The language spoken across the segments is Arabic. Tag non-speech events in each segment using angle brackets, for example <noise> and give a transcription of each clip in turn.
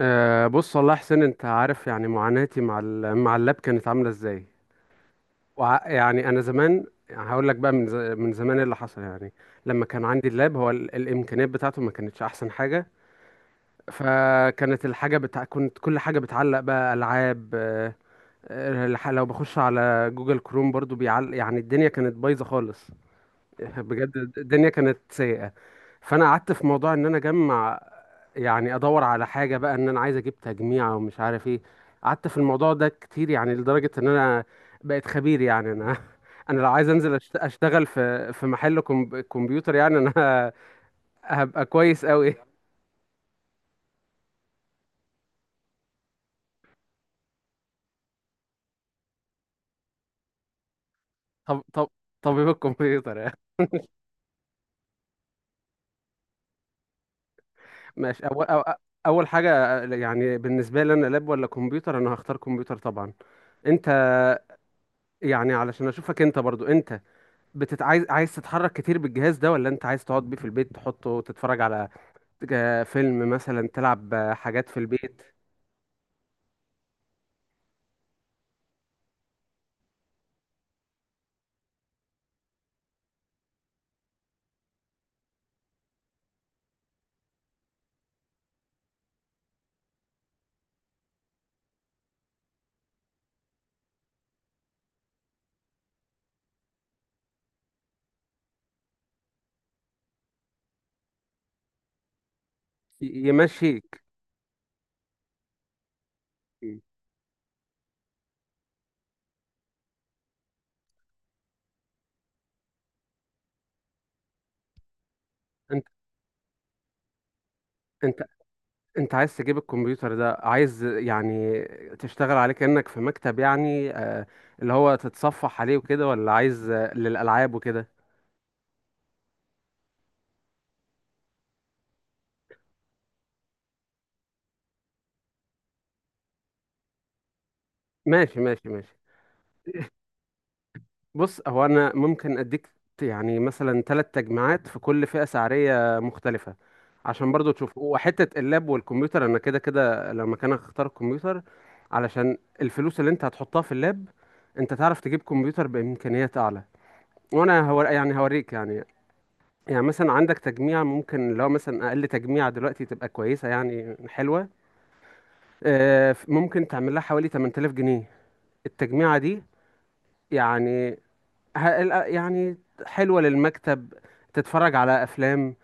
أه، بص والله يا حسين، انت عارف يعني معاناتي مع اللاب كانت عامله ازاي. يعني انا زمان، يعني هقول لك بقى من زمان إيه اللي حصل يعني. لما كان عندي اللاب، هو الامكانيات بتاعته ما كانتش احسن حاجه. فكانت الحاجه بتاع كنت كل حاجه بتعلق بقى. العاب، أه، لو بخش على جوجل كروم برضو بيعلق. يعني الدنيا كانت بايظه خالص، بجد الدنيا كانت سيئة. فانا قعدت في موضوع ان انا اجمع، يعني ادور على حاجة بقى، ان انا عايز اجيب تجميع ومش عارف ايه. قعدت في الموضوع ده كتير، يعني لدرجة ان انا بقيت خبير. يعني انا <laughs> انا لو عايز انزل اشتغل في محل كمبيوتر، يعني انا <laughs> هبقى كويس قوي. طب طبيب الكمبيوتر يعني <laughs> ماشي، اول حاجة يعني بالنسبة لي، انا لاب ولا كمبيوتر؟ انا هختار كمبيوتر طبعا. انت يعني علشان اشوفك، انت برضو انت عايز تتحرك كتير بالجهاز ده، ولا انت عايز تقعد بيه في البيت، تحطه وتتفرج على فيلم مثلا، تلعب حاجات في البيت، يمشيك؟ مم. انت انت انت عايز تجيب الكمبيوتر ده عايز يعني تشتغل عليه كأنك في مكتب، يعني اللي هو تتصفح عليه وكده، ولا عايز، للألعاب وكده؟ ماشي ماشي ماشي. بص، هو انا ممكن اديك يعني مثلا ثلاث تجميعات في كل فئة سعرية مختلفة، عشان برضو تشوف. وحتة اللاب والكمبيوتر، انا كده كده لما كان اختار الكمبيوتر، علشان الفلوس اللي انت هتحطها في اللاب انت تعرف تجيب كمبيوتر بامكانيات اعلى. وانا هو يعني هوريك يعني. يعني مثلا عندك تجميع، ممكن لو مثلا اقل تجميع دلوقتي تبقى كويسة، يعني حلوة، ممكن تعمل لها حوالي 8000 جنيه التجميعة دي. يعني يعني حلوة للمكتب، تتفرج على أفلام،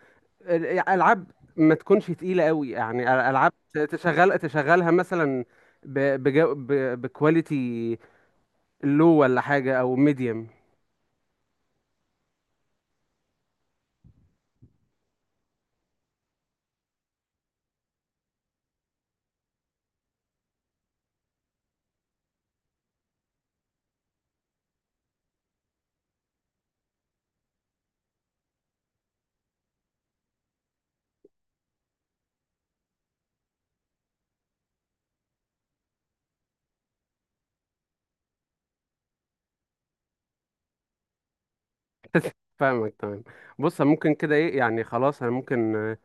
ألعاب ما تكونش تقيلة قوي، يعني ألعاب تشغلها مثلا بكواليتي لو، ولا حاجة، أو ميديوم. <laughs> فاهمك تمام. بص ممكن كده إيه، يعني خلاص، أنا ممكن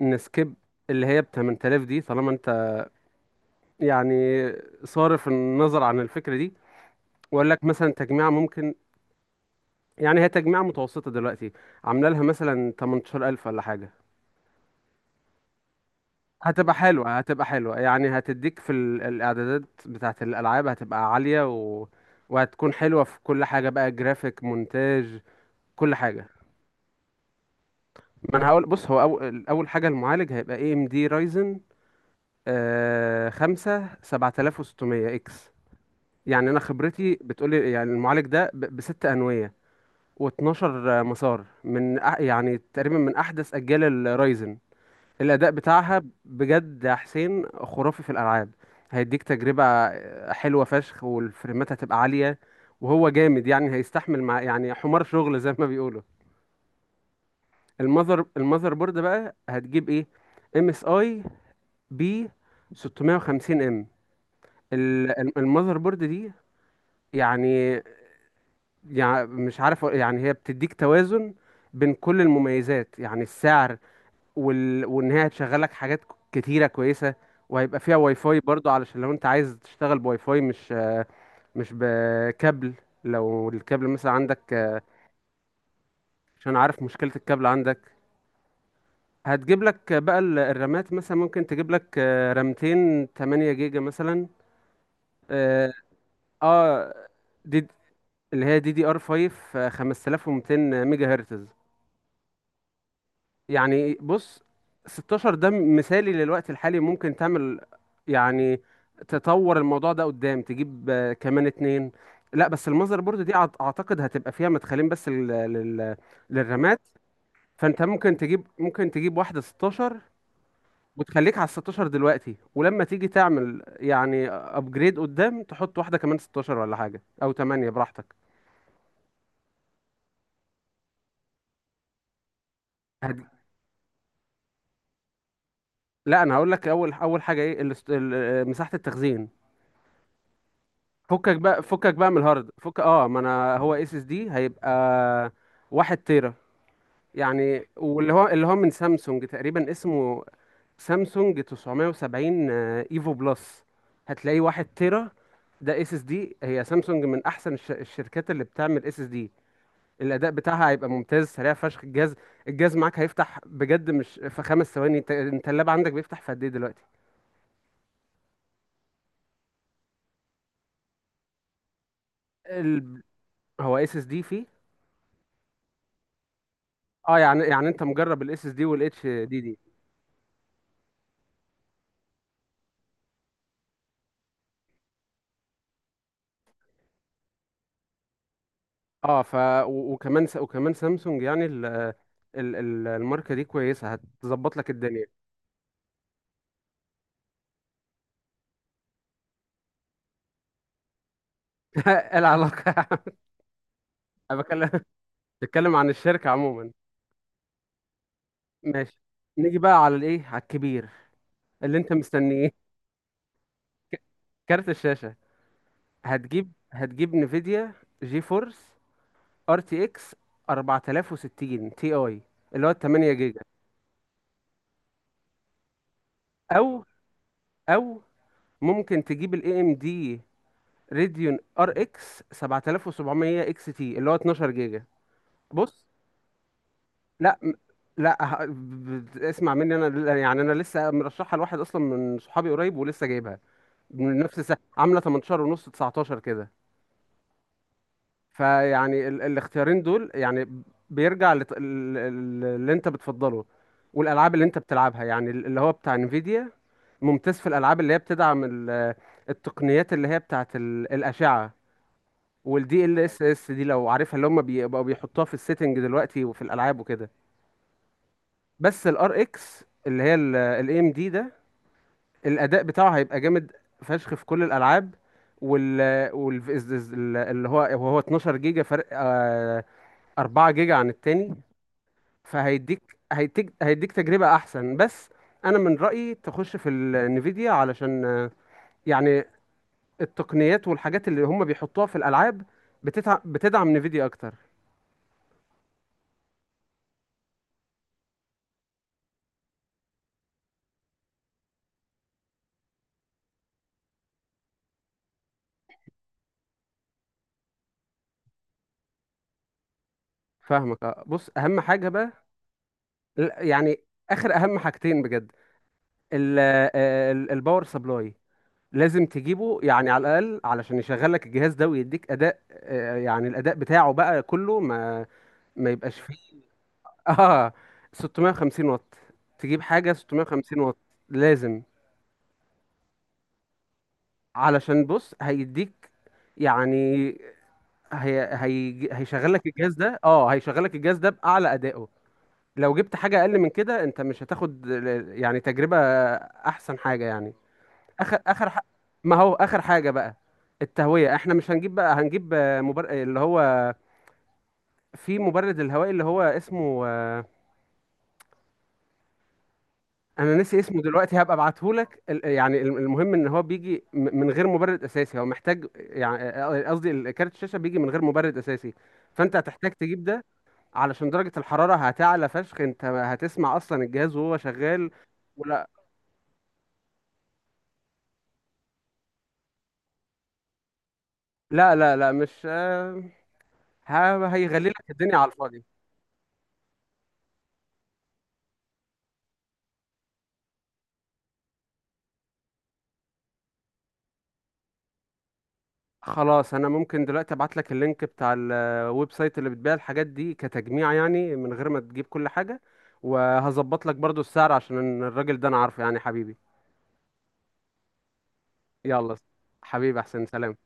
نسكيب اللي هي ب 8000 دي، طالما أنت يعني صارف النظر عن الفكرة دي، وأقول لك مثلا تجميعة ممكن، يعني هي تجميعة متوسطة دلوقتي، عاملة لها مثلا 18000 ولا حاجة. هتبقى حلوة، هتبقى حلوة يعني. هتديك في الإعدادات بتاعة الألعاب هتبقى عالية، و... وهتكون حلوة في كل حاجة بقى، جرافيك، مونتاج، كل حاجة. ما أنا هقول، بص هو أول حاجة، المعالج هيبقى اي ام دي رايزن 5 7600X. يعني أنا خبرتي بتقولي يعني المعالج ده بست أنوية و12 مسار، يعني تقريبا من أحدث أجيال الرايزن. الأداء بتاعها بجد يا حسين خرافي في الألعاب، هيديك تجربة حلوة فشخ، والفريمات هتبقى عالية. وهو جامد يعني، هيستحمل مع يعني حمار شغل زي ما بيقولوا. المذر بورد بقى هتجيب ايه؟ ام اس اي بي 650 ام. المذر بورد دي يعني يعني مش عارف يعني هي بتديك توازن بين كل المميزات، يعني السعر، وان هي هتشغل لك حاجات كتيره كويسه، وهيبقى فيها واي فاي برضو، علشان لو انت عايز تشتغل بواي فاي مش بكابل، لو الكابل مثلا عندك، عشان عارف مشكله الكابل عندك. هتجيب لك بقى الرامات، مثلا ممكن تجيب لك رامتين 8 جيجا مثلا. اه، آه، دي اللي هي دي دي ار 5 5200 ميجا هرتز. يعني بص، 16 ده مثالي للوقت الحالي. ممكن تعمل يعني تطور الموضوع ده قدام، تجيب كمان اتنين. لا بس المذر بورد دي اعتقد هتبقى فيها مدخلين بس لل... للرامات، فانت ممكن تجيب واحدة 16، وتخليك على 16 دلوقتي، ولما تيجي تعمل يعني ابجريد قدام تحط واحدة كمان 16 ولا حاجة، او 8 براحتك. هت- لا انا هقول لك، اول حاجة ايه؟ مساحة التخزين. فكك بقى، فكك بقى من الهارد، فك. اه، ما انا هو اس اس دي هيبقى 1 تيرا، يعني واللي هو من سامسونج تقريبا، اسمه سامسونج 970، ايفو بلس، هتلاقيه 1 تيرا. ده اس اس دي، هي سامسونج من احسن الشركات اللي بتعمل اس اس دي. الاداء بتاعها هيبقى ممتاز، سريع فشخ الجهاز، الجهاز معاك هيفتح بجد مش في 5 ثواني. انت اللاب عندك بيفتح في قد ايه دلوقتي؟ ال... هو اس اس دي فيه؟ اه يعني انت مجرب الاس اس دي والاتش دي دي. اه، وكمان سامسونج يعني الماركة دي كويسة، هتظبط لك الدنيا. <laughs> ايه العلاقة؟ <laughs> انا بتكلم عن الشركة عموما. ماشي. نيجي بقى على الايه، على الكبير اللي انت مستنيه. <laughs> كارت الشاشة، هتجيب نفيديا جي فورس ار تي اكس 4060 تي اي اللي هو 8 جيجا. او او ممكن تجيب الاي ام دي ريديون ار اكس 7700 اكس تي اللي هو 12 جيجا. بص، لا م- لا ه- ب- اسمع مني. يعني انا لسه مرشحها لواحد اصلا من صحابي قريب، ولسه جايبها من نفس السنه عامله 18 ونص، 19 كده. فيعني الاختيارين دول يعني بيرجع اللي انت بتفضله، والالعاب اللي انت بتلعبها. يعني اللي هو بتاع انفيديا ممتاز في الالعاب اللي هي بتدعم التقنيات اللي هي بتاعت الاشعه والدي ال اس اس دي، لو عارفها، اللي هم بيبقوا بيحطوها في السيتنج دلوقتي وفي الالعاب وكده. بس الار اكس اللي هي الاي ام دي ده، الاداء بتاعه هيبقى جامد فشخ في كل الالعاب، وال وال اللي هو وهو 12 جيجا، فرق 4 جيجا عن التاني. فهيديك هيديك هيديك تجربة احسن. بس انا من رأيي تخش في النفيديا، علشان يعني التقنيات والحاجات اللي هم بيحطوها في الالعاب بتدعم نفيديا اكتر. فاهمك. بص اهم حاجة بقى، لا، يعني اخر اهم حاجتين بجد. ال- الباور سبلاي لازم تجيبه، يعني على الاقل علشان يشغل لك الجهاز ده ويديك اداء، يعني الاداء بتاعه بقى كله، ما يبقاش فيه <laughs> اه. 650 واط، تجيب حاجه 650 واط لازم. علشان بص، هيديك يعني، هي هي هيشغل لك الجهاز ده اه هيشغل لك الجهاز ده باعلى ادائه. لو جبت حاجه اقل من كده، انت مش هتاخد يعني تجربه احسن حاجه يعني. اخر اخر ح... ما هو اخر حاجه بقى، التهويه. احنا مش هنجيب بقى، هنجيب اللي هو، في مبرد الهوائي اللي هو اسمه، انا ناسي اسمه دلوقتي، هبقى ابعته لك. يعني المهم ان هو بيجي من غير مبرد اساسي، هو محتاج يعني قصدي كارت الشاشه بيجي من غير مبرد اساسي. فانت هتحتاج تجيب ده، علشان درجه الحراره هتعلى فشخ، انت هتسمع اصلا الجهاز وهو شغال. ولا لا لا لا، مش هيغلي لك الدنيا على الفاضي. خلاص، انا ممكن دلوقتي ابعت لك اللينك بتاع الويب سايت اللي بتبيع الحاجات دي كتجميع، يعني من غير ما تجيب كل حاجة، وهظبط لك برضو السعر عشان الراجل ده انا عارفه، يعني حبيبي. يلا حبيبي احسن. سلام.